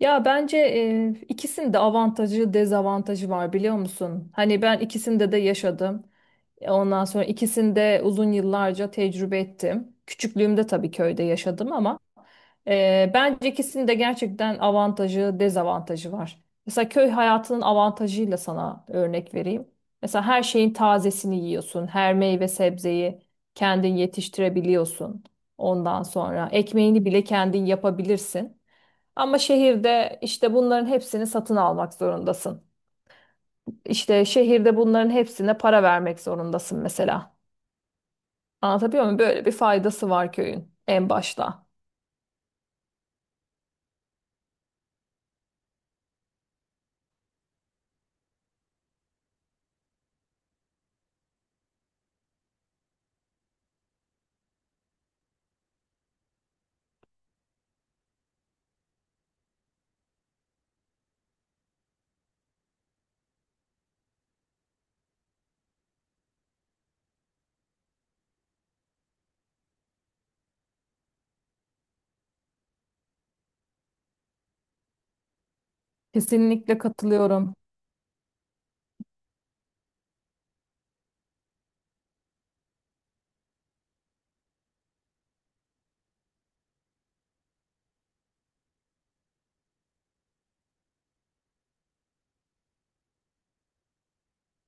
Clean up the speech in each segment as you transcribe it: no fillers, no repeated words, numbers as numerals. Ya bence ikisinin de avantajı, dezavantajı var biliyor musun? Hani ben ikisinde de yaşadım. Ondan sonra ikisinde uzun yıllarca tecrübe ettim. Küçüklüğümde tabii köyde yaşadım ama bence ikisinin de gerçekten avantajı, dezavantajı var. Mesela köy hayatının avantajıyla sana örnek vereyim. Mesela her şeyin tazesini yiyorsun. Her meyve sebzeyi kendin yetiştirebiliyorsun. Ondan sonra ekmeğini bile kendin yapabilirsin. Ama şehirde işte bunların hepsini satın almak zorundasın. İşte şehirde bunların hepsine para vermek zorundasın mesela. Anlatabiliyor muyum? Böyle bir faydası var köyün en başta. Kesinlikle katılıyorum.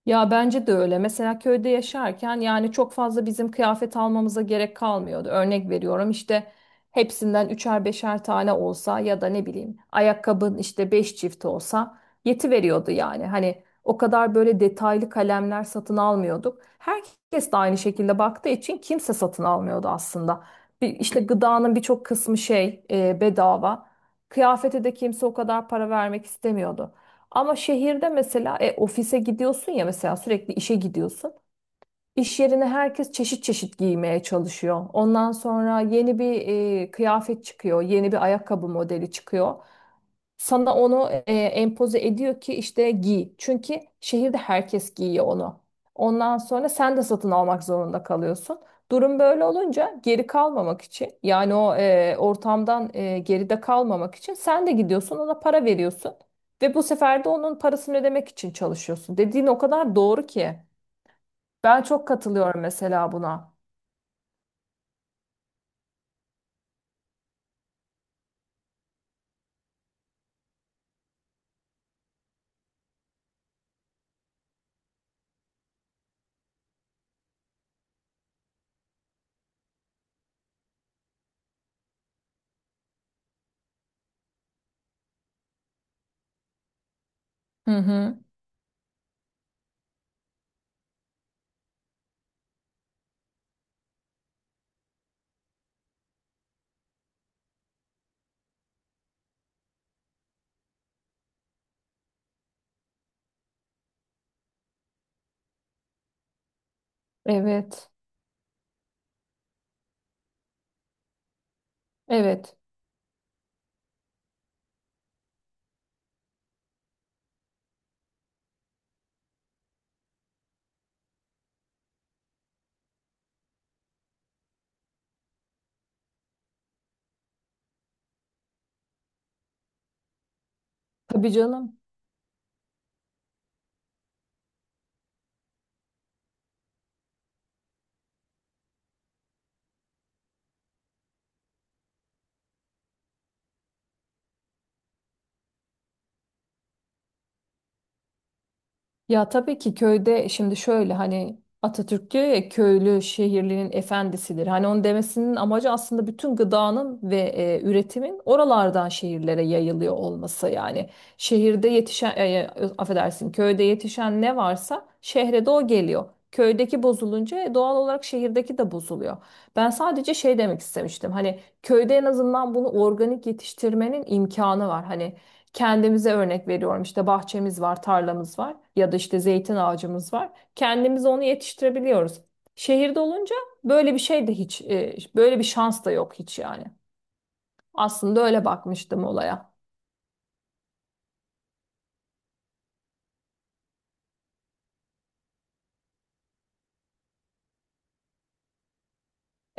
Ya bence de öyle. Mesela köyde yaşarken yani çok fazla bizim kıyafet almamıza gerek kalmıyordu. Örnek veriyorum işte hepsinden üçer beşer tane olsa ya da ne bileyim ayakkabın işte beş çift olsa yeti veriyordu yani. Hani o kadar böyle detaylı kalemler satın almıyorduk. Herkes de aynı şekilde baktığı için kimse satın almıyordu aslında. Bir, işte gıdanın birçok kısmı şey bedava. Kıyafete de kimse o kadar para vermek istemiyordu. Ama şehirde mesela ofise gidiyorsun ya mesela sürekli işe gidiyorsun. İş yerine herkes çeşit çeşit giymeye çalışıyor. Ondan sonra yeni bir kıyafet çıkıyor, yeni bir ayakkabı modeli çıkıyor. Sana onu empoze ediyor ki işte giy. Çünkü şehirde herkes giyiyor onu. Ondan sonra sen de satın almak zorunda kalıyorsun. Durum böyle olunca geri kalmamak için yani o ortamdan geride kalmamak için sen de gidiyorsun ona para veriyorsun. Ve bu sefer de onun parasını ödemek için çalışıyorsun. Dediğin o kadar doğru ki. Ben çok katılıyorum mesela buna. Hı hı. Evet. Evet. Tabii canım. Ya tabii ki köyde şimdi şöyle hani Atatürk diyor ya köylü şehirlinin efendisidir. Hani onun demesinin amacı aslında bütün gıdanın ve üretimin oralardan şehirlere yayılıyor olması. Yani şehirde affedersin köyde yetişen ne varsa şehre de o geliyor. Köydeki bozulunca doğal olarak şehirdeki de bozuluyor. Ben sadece şey demek istemiştim. Hani köyde en azından bunu organik yetiştirmenin imkanı var. Hani kendimize örnek veriyorum işte bahçemiz var, tarlamız var ya da işte zeytin ağacımız var. Kendimiz onu yetiştirebiliyoruz. Şehirde olunca böyle bir şey de hiç böyle bir şans da yok hiç yani. Aslında öyle bakmıştım olaya.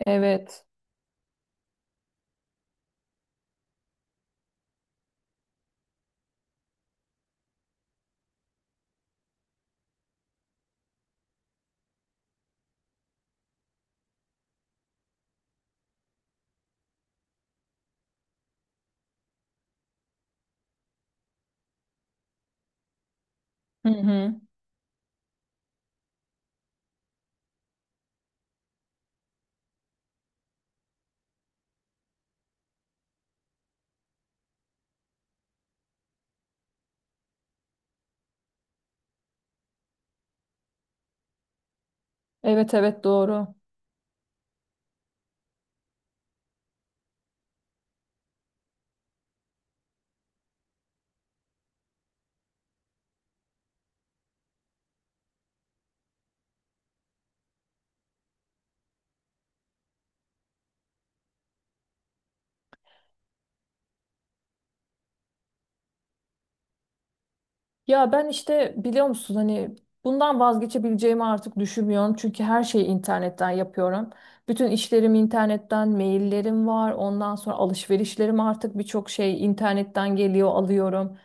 Evet. Hı hı. Evet, evet doğru. Ya ben işte biliyor musun hani bundan vazgeçebileceğimi artık düşünmüyorum. Çünkü her şeyi internetten yapıyorum. Bütün işlerim internetten, maillerim var. Ondan sonra alışverişlerim artık birçok şey internetten geliyor, alıyorum.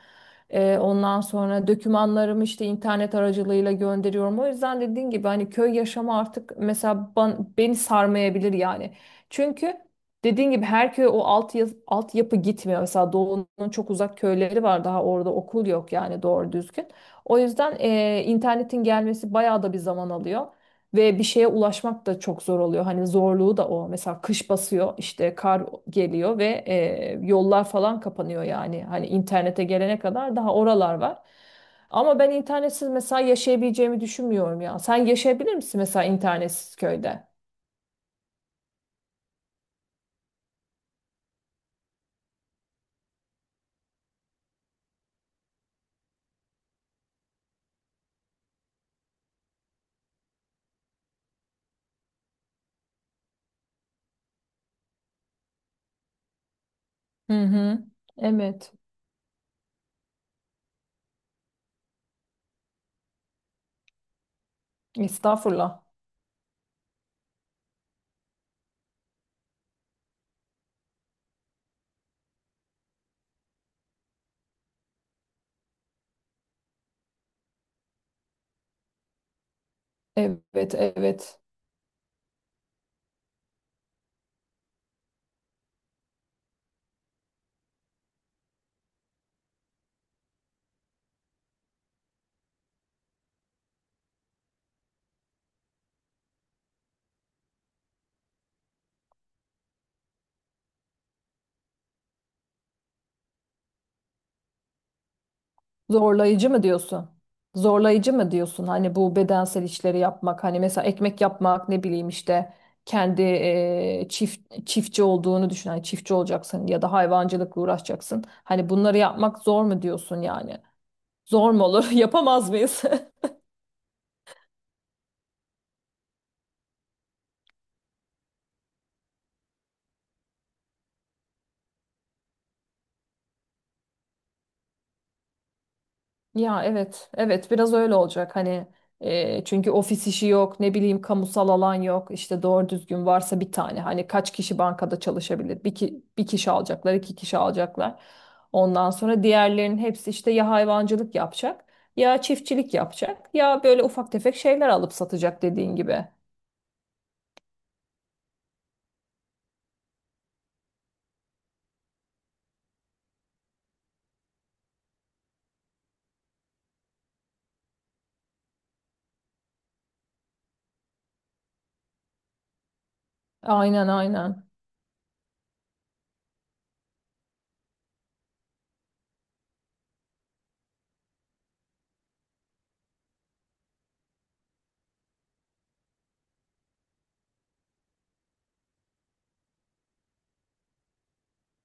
Ondan sonra dokümanlarımı işte internet aracılığıyla gönderiyorum. O yüzden dediğin gibi hani köy yaşamı artık mesela beni sarmayabilir yani. Çünkü dediğin gibi her köy o altyapı gitmiyor. Mesela Doğu'nun çok uzak köyleri var daha orada okul yok yani doğru düzgün. O yüzden internetin gelmesi bayağı da bir zaman alıyor. Ve bir şeye ulaşmak da çok zor oluyor. Hani zorluğu da o. Mesela kış basıyor işte kar geliyor ve yollar falan kapanıyor yani. Hani internete gelene kadar daha oralar var. Ama ben internetsiz mesela yaşayabileceğimi düşünmüyorum ya. Sen yaşayabilir misin mesela internetsiz köyde? Hı hı. Evet. Estağfurullah. Evet, evet. Zorlayıcı mı diyorsun? Zorlayıcı mı diyorsun? Hani bu bedensel işleri yapmak, hani mesela ekmek yapmak, ne bileyim işte kendi çiftçi olduğunu düşün. Hani çiftçi olacaksın ya da hayvancılıkla uğraşacaksın. Hani bunları yapmak zor mu diyorsun yani? Zor mu olur? Yapamaz mıyız? Ya evet, evet biraz öyle olacak hani çünkü ofis işi yok, ne bileyim kamusal alan yok, işte doğru düzgün varsa bir tane hani kaç kişi bankada çalışabilir? Bir, ki, bir kişi alacaklar, iki kişi alacaklar. Ondan sonra diğerlerinin hepsi işte ya hayvancılık yapacak, ya çiftçilik yapacak, ya böyle ufak tefek şeyler alıp satacak dediğin gibi. Aynen aynen.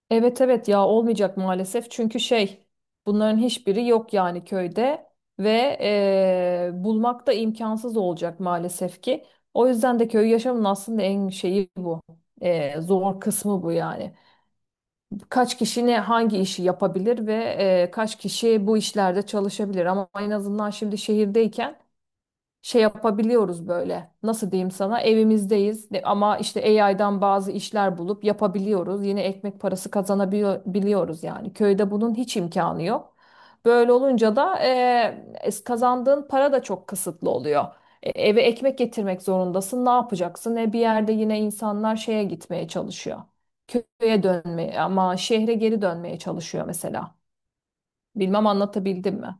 Evet, evet ya olmayacak maalesef çünkü şey bunların hiçbiri yok yani köyde ve bulmak da imkansız olacak maalesef ki. O yüzden de köy yaşamının aslında en şeyi bu. Zor kısmı bu yani. Kaç kişi ne hangi işi yapabilir ve kaç kişi bu işlerde çalışabilir ama en azından şimdi şehirdeyken şey yapabiliyoruz böyle. Nasıl diyeyim sana? Ama işte AI'dan bazı işler bulup yapabiliyoruz. Yine ekmek parası kazanabiliyoruz yani. Köyde bunun hiç imkanı yok. Böyle olunca da kazandığın para da çok kısıtlı oluyor. Eve ekmek getirmek zorundasın. Ne yapacaksın? Bir yerde yine insanlar şeye gitmeye çalışıyor. Köye dönmeye ama şehre geri dönmeye çalışıyor mesela. Bilmem anlatabildim mi?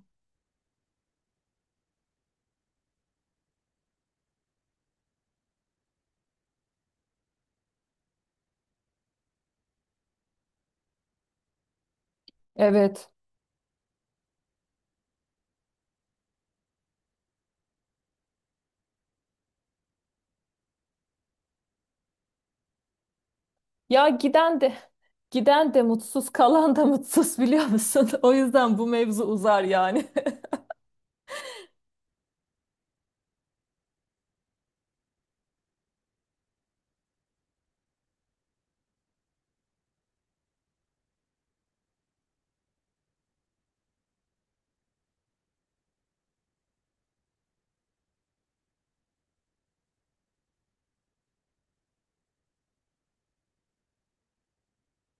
Evet. Ya giden de mutsuz, kalan da mutsuz biliyor musun? O yüzden bu mevzu uzar yani.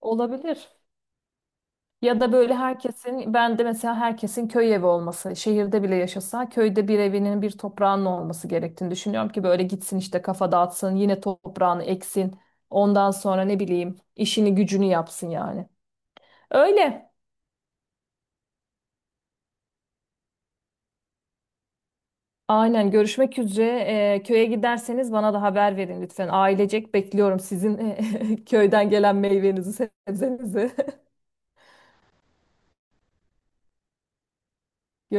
Olabilir. Ya da böyle herkesin, ben de mesela herkesin köy evi olması, şehirde bile yaşasa köyde bir evinin bir toprağının olması gerektiğini düşünüyorum ki böyle gitsin işte kafa dağıtsın, yine toprağını eksin. Ondan sonra ne bileyim işini gücünü yapsın yani. Öyle. Aynen, görüşmek üzere. Köye giderseniz bana da haber verin lütfen. Ailecek bekliyorum sizin köyden gelen meyvenizi, sebzenizi.